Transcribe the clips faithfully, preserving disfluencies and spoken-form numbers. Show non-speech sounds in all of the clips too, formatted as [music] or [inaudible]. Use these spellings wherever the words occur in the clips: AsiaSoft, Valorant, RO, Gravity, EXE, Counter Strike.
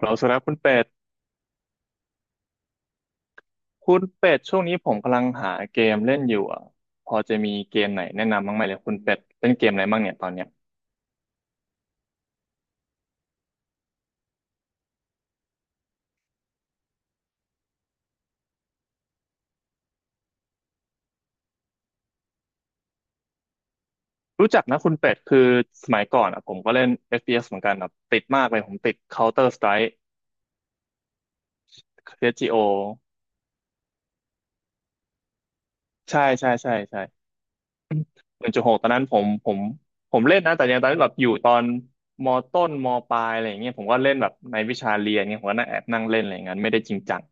เราสุดแล้วคุณเป็ดคุณเป็ดช่วงนี้ผมกำลังหาเกมเล่นอยู่อ่ะพอจะมีเกมไหนแนะนำบ้างไหมเลยคุณเป็ดเล่นเกมอะไรบ้างเนี่ยตอนเนี้ยรู้จักนะคุณเป็ดคือสมัยก่อนอ่ะผมก็เล่น เอฟ พี เอส เอสเหมือนกันอ่ะติดมากเลยผมติด Counter Strike c s โ o ใช่ใช่ใช่ใช่หนึ่งจุดหกตอนนั้นผมผมผมเล่นนะแต่ยังตอนนั้นแบบอยู่ตอนมต้นมปลายอะไรอย่างเงี้ยผมก็เล่นแบบในวิชาเรียนเงี้ยผมก็นั่งแอบนั่งเล่นอะไรอย่างเงี้ยไม่ได้จริงจัง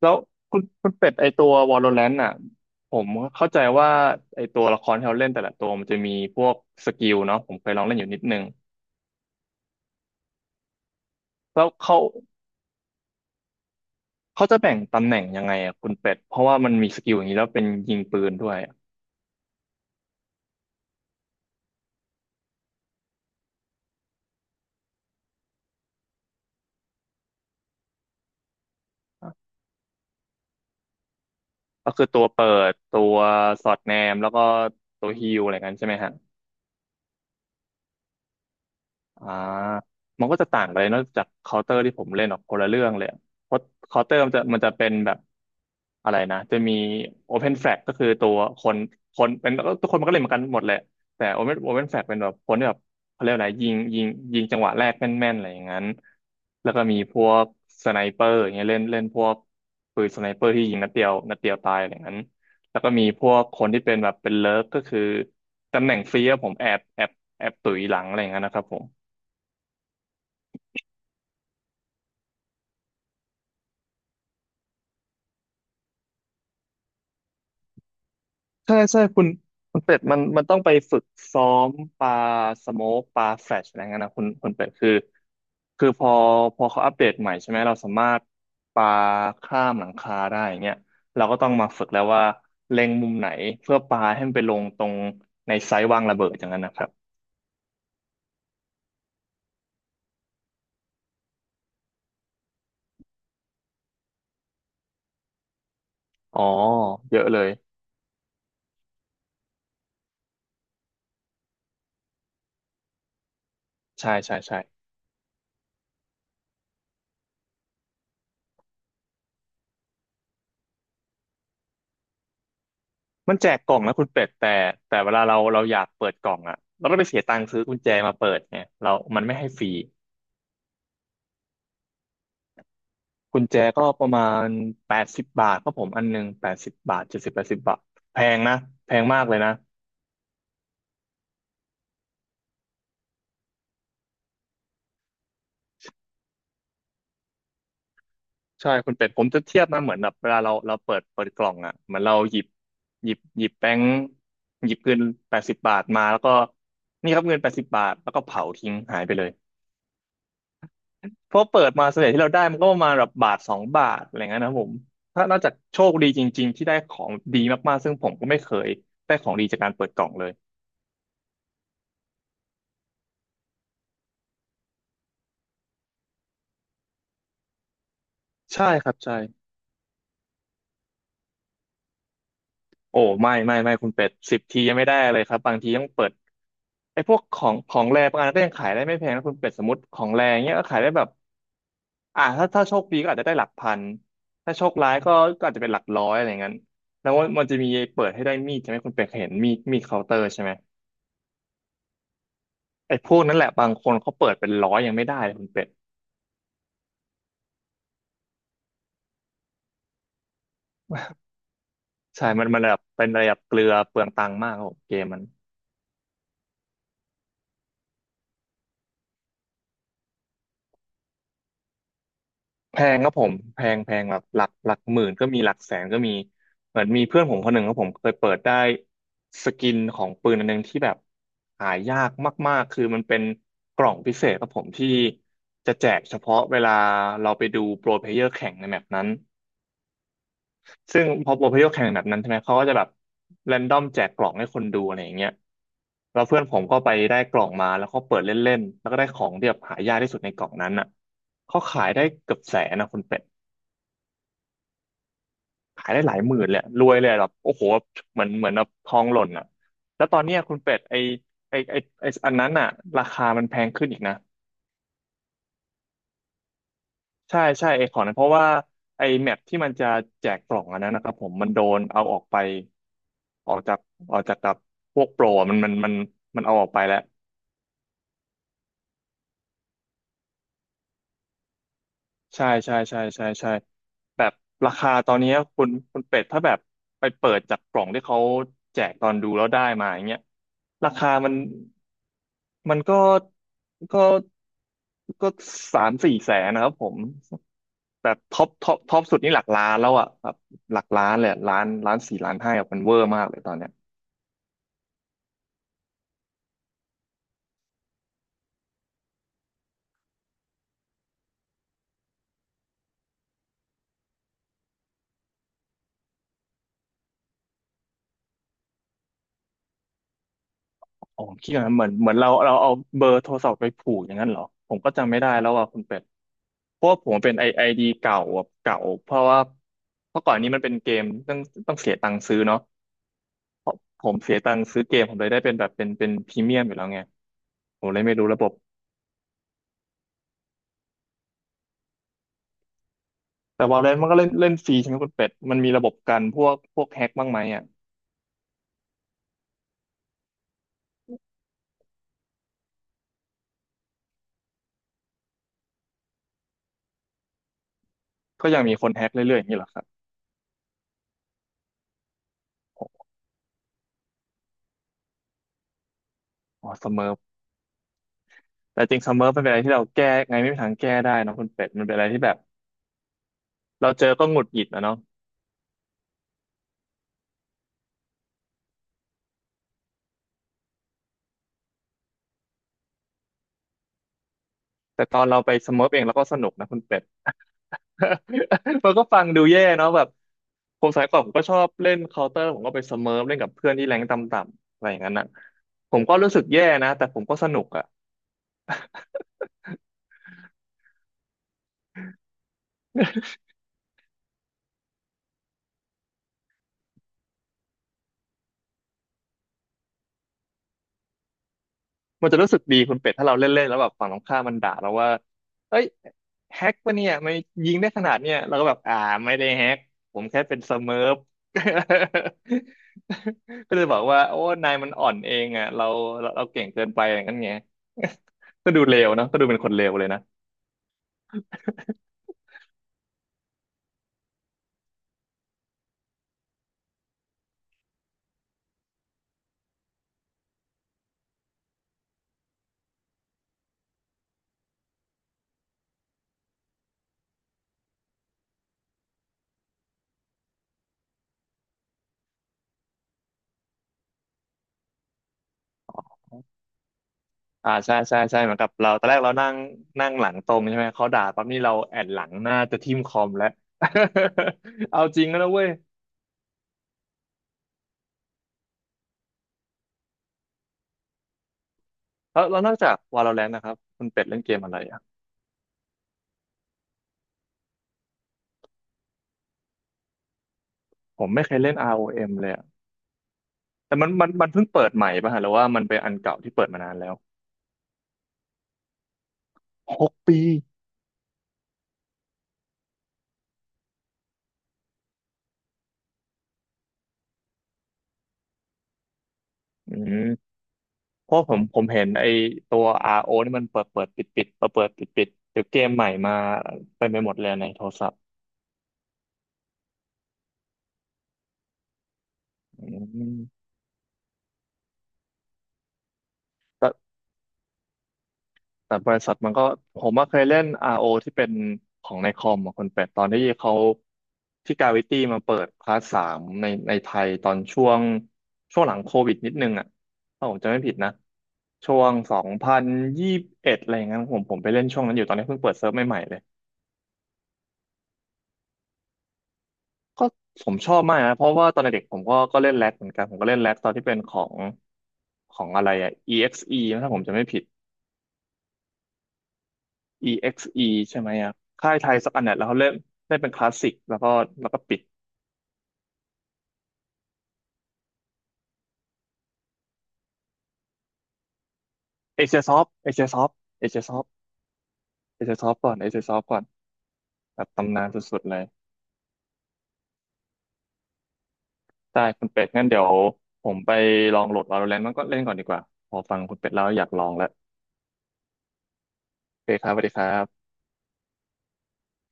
แล้วคุณคุณเป็ดไอตัว Valorant น่ะผมเข้าใจว่าไอตัวละครที่เราเล่นแต่ละตัวมันจะมีพวกสกิลเนาะผมเคยลองเล่นอยู่นิดนึงแล้วเขาเขาจะแบ่งตำแหน่งยังไงอะคุณเป็ดเพราะว่ามันมีสกิลอย่างนี้แล้วเป็นยิงปืนด้วยอะก็คือตัวเปิดตัวสอดแนมแล้วก็ตัวฮีลอะไรกันใช่ไหมฮะ อ่ามันก็จะต่างไปเลยนอกจากเคาน์เตอร์ที่ผมเล่นออกคนละเรื่องเลยอะเพราะเคาน์เตอร์มันจะมันจะเป็นแบบอะไรนะจะมี Open Flag ก็คือตัวคนคนเป็นทุกคนมันก็เล่นเหมือนกันหมดแหละแต่ Open Open Flag เป็นแบบคนที่แบบเขาเรียกว่าอะไรยิงยิงยิงจังหวะแรกแม่นๆอะไรอย่างนั้นแล้วก็มีพวกสไนเปอร์อย่างเงี้ยเล่นเล่นพวกปืนสไนเปอร์ที่ยิงนัดเดียวนัดเดียวตายอะไรอย่างนั้นแล้วก็มีพวกคนที่เป็นแบบเป็นเลิฟก็คือตำแหน่งฟรีอะผมแอบแอบแอบตุ๋ยหลังอะไรอย่างนั้นนะครับผม ใช่ใช่คุณคุณเป็ดมันมันต้องไปฝึกซ้อมปลาสโมกปลาแฟลชอะไรเงี้ยนะคุณคุณเป็ดคือคือพอพอเขาอัปเดตใหม่ใช่ไหมเราสามารถปลาข้ามหลังคาได้อย่างเงี้ยเราก็ต้องมาฝึกแล้วว่าเล็งมุมไหนเพื่อปลาให้มันไปลงตรงในไซส์วางระเบิดอย่างนั้นนะครับอ๋อเยอะเลยใช่ใช่ใช่มันแจกกล่องนะคุณเป็ดแต่แต่เวลาเราเราอยากเปิดกล่องอะเราก็ไปเสียตังค์ซื้อกุญแจมาเปิดไงเรามันไม่ให้ฟรี กุญแจก็ประมาณแปดสิบบาทครับผมอันหนึ่งแปดสิบบาทเจ็ดสิบแปดสิบบาทแพงนะแพงมากเลยนะใช่คุณเป็ดผมจะเทียบนะเหมือนแบบเวลาเราเราเปิดเปิดกล่องอ่ะเหมือนเราหยิบหยิบหยิบแบงค์หยิบเงินแปดสิบบาทมาแล้วก็นี่ครับเงินแปดสิบบาทแล้วก็เผาทิ้งหายไปเลยเพราะเปิดมาส่วนใหญ่ที่เราได้มันก็ประมาณแบบบาทสองบาทอะไรเงี้ยนะครับผมถ้านอกจากโชคดีจริงๆที่ได้ของดีมากๆซึ่งผมก็ไม่เคยได้ของดีจากการเปิดกล่องเลยใช่ครับใช่ โอ้ไม่ไม่ไม่คุณเป็ดสิบทียังไม่ได้เลยครับบางทีต้องเปิดไอ้พวกของของแรบางอันก็ยังขายได้ไม่แพงนะคุณเป็ดสมมติของแรงเนี้ยก็ขายได้แบบอ่าถ้าถ้าโชคดีก็อาจจะได้หลักพันถ้าโชคร้ายก็ก็อาจจะเป็นหลักร้อยอะไรเงี้ยแล้วมันมันจะมีเปิดให้ได้มีดใช่ไหมคุณเป็ดเคยเห็นมีดมีดเคาน์เตอร์ใช่ไหมไอ้พวกนั้นแหละบางคนเขาเปิดเป็นร้อยยังไม่ได้เลยคุณเป็ดใช่มันมันแบบเป็นระดับเกลือเปลืองตังค์มากครับผมเกมมัน แพงครับผมแพงแพงแบบหลักหลักหมื่นก็มีหลักแสนก็มีเหมือนมีเพื่อนผมคนหนึ่งครับผมเคยเปิดได้สกินของปืนอันหนึงที่แบบหายากมากๆคือมันเป็นกล่องพิเศษครับผมที่จะแจกเฉพาะเวลาเราไปดูโปรเพลเยอร์แข่งในแมปนั้นซึ่งพอโปรเพลเยอร์แข่งในแมปนั้นใช่ไหมเขาก็จะแบบแรนดอมแจกกล่องให้คนดูอะไรอย่างเงี้ยแล้วเพื่อนผมก็ไปได้กล่องมาแล้วก็เปิดเล่นๆแล้วก็ได้ของที่แบบหายากที่สุดในกล่องนั้นอ่ะเขาขายได้เกือบแสนนะคุณเป็ด ขายได้หลายหมื่นเลยอะรวยเลยอะแบบโอ้โหเหมือนเหมือนแบบทองหล่นอ่ะแล้วตอนเนี้ยคุณเป็ดไอไอไอไออันนั้นอ่ะราคามันแพงขึ้นอีกนะใช่ใช่ไอของนั้นเพราะว่าไอแมปที่มันจะแจกกล่องอันนั้นนะครับผมมันโดนเอาออกไปออกจากออกจากกับพวกโปรอะมันมันมันมันเอาออกไปแล้วใช่ใช่ใช่ใช่ใช่ แบบราคาตอนนี้คุณคุณเป็ดถ้าแบบไปเปิดจากกล่องที่เขาแจกตอนดูแล้วได้มาอย่างเงี้ยราคามันมันก็ก็ก็สามสี่แสนนะครับผมแบบท็อปท็อปท็อปสุดนี่หลักล้านแล้วอ่ะแบบหลักล้านเลยล้านล้านสี่ล้านห้าอะมันเวอร์มากเลยตอนเนี้ย อ๋อคิดอย่างนั้นเหมือนเหมือนเราเราเอาเบอร์โทรศัพท์ไปผูกอย่างนั้นเหรอ ผมก็จำไม่ได้แล้วอ่ะคุณเป็ด เพราะว่าผมเป็นไอไอดีเก่าอะเก่า เพราะว่าเมื่อก่อนนี้มันเป็นเกม ต้องต้องเสียตังค์ซื้อเนาะเพราะผมเสียตังค์ซื้อเกมผมเลยได้เป็นแบบเป็นเป็นพรีเมียมอยู่แล้วไงผมเลยไม่รู้ระบบ แต่ Valorant มันก็เล่นเล่นฟรีใช่ไหมคุณเป็ด มันมีระบบกันพวกพวกแฮ็กบ้างไหมอ่ะก็ยังมีคนแฮ็กเรื่อยๆอย่างนี้เหรอครับอ๋อเสมอแต่จริงเสมอเป็นอะไรที่เราแก้ไงไม่มีทางแก้ได้เนอะคุณเป็ดมันเป็นอะไรที่แบบเราเจอก็หงุดหงิดนะเนาะ แต่ตอนเราไปสเมิร์ฟเองเราก็สนุกนะคุณเป็ด [laughs] มันก็ฟังดูแย่เนาะแบบผมสมัยก่อนผมก็ชอบเล่นเคาน์เตอร์ผมก็ไปสเมิร์ฟเล่นกับเพื่อนที่แรงค์ต่ำๆอะไรอย่างนั้นนะผมก็รู้สึกแย่นะแต่ผมก็สนุกอะ มันจะรู้สึกดีคุณเป็ดถ้าเราเล่นๆแล้วแบบฝั่งตรงข้ามมันด่าเราว่าเอ้ยแฮกปะเนี่ยไม่ยิงได้ขนาดเนี่ยเราก็แบบอ่าไม่ได้แฮกผมแค่เป็นสเมิร์ฟ [laughs] ก็เลยบอกว่าโอ้นายมันอ่อนเองอ่ะเราเราเราเก่งเกินไปอย่างนั้นไง [laughs] ก็ดูเลวเนอะก็ดูเป็นคนเลวเลยนะอ่าใช่ใช่ใช่เหมือนกับเราตอนแรกเรานั่งนั่งหลังตรงใช่ไหมเขาด่าปั๊บนี่เราแอนหลังหน้าจะทิ่มคอมแล้ว [laughs] เอาจริงแล้วนะเว้ยแล้วแล้วนอกจาก Valorant นะครับคุณเป็ดเล่นเกมอะไรอ่ะ ผมไม่เคยเล่น ROM เอ็มเลยอะแต่มันมันมันเพิ่งเปิดใหม่ป่ะฮะหรือว่ามันเป็นอันเก่าที่เปิดมานานแล้วหกปีอืมเพราะผมผมเห็นไอตัว อาร์ โอ นี่มันเปิดเปิดปิดปิดเปิดเปิดปิดปิดเดี๋ยวเกมใหม่มาเต็มไปหมดเลยในโทรศัพท์อืมแต่ แต่บริษัทมันก็ผมว่าเคยเล่น อาร์ โอ ที่เป็นของในคอมอะคนเป็ดตอนที่เขาที่กาวิตี้มาเปิดคลาสสามในในไทยตอนช่วงช่วงหลังโควิดนิดนึงอ่ะถ้าผมจำไม่ผิดนะช่วงสองพันยี่สิบเอ็ดอะไรอย่างนั้นผมผมไปเล่นช่วงนั้นอยู่ตอนนี้เพิ่งเปิดเซิร์ฟใหม่ๆเลยก็ผมชอบมากนะเพราะว่าตอนเด็กๆผมก็ก็เล่นแร็กเหมือนกันผมก็เล่นแร็กตอนที่เป็นของของอะไรอ่ะ อี เอ็กซ์ อี นะถ้าผมจำไม่ผิด อี เอ็กซ์ อี ใช่ไหมอ่ะค่ายไทยสักอันเนี่ยแล้วเขาเล่นเล่นเป็นคลาสสิกแล้วก็แล้วก็ปิดเอเชียซอฟเอเชียซอฟเอเชียซอฟเอเชียซอฟก่อนเอเชียซอฟก่อนแบบตำนานสุดๆเลยได้คุณเป็ดงั้นเดี๋ยวผมไปลองโหลด Valorant มันก็เล่นก่อนดีกว่าพอฟังคุณเป็ดแล้วอยากลองแล้วโอเคครับสวัสดีครับ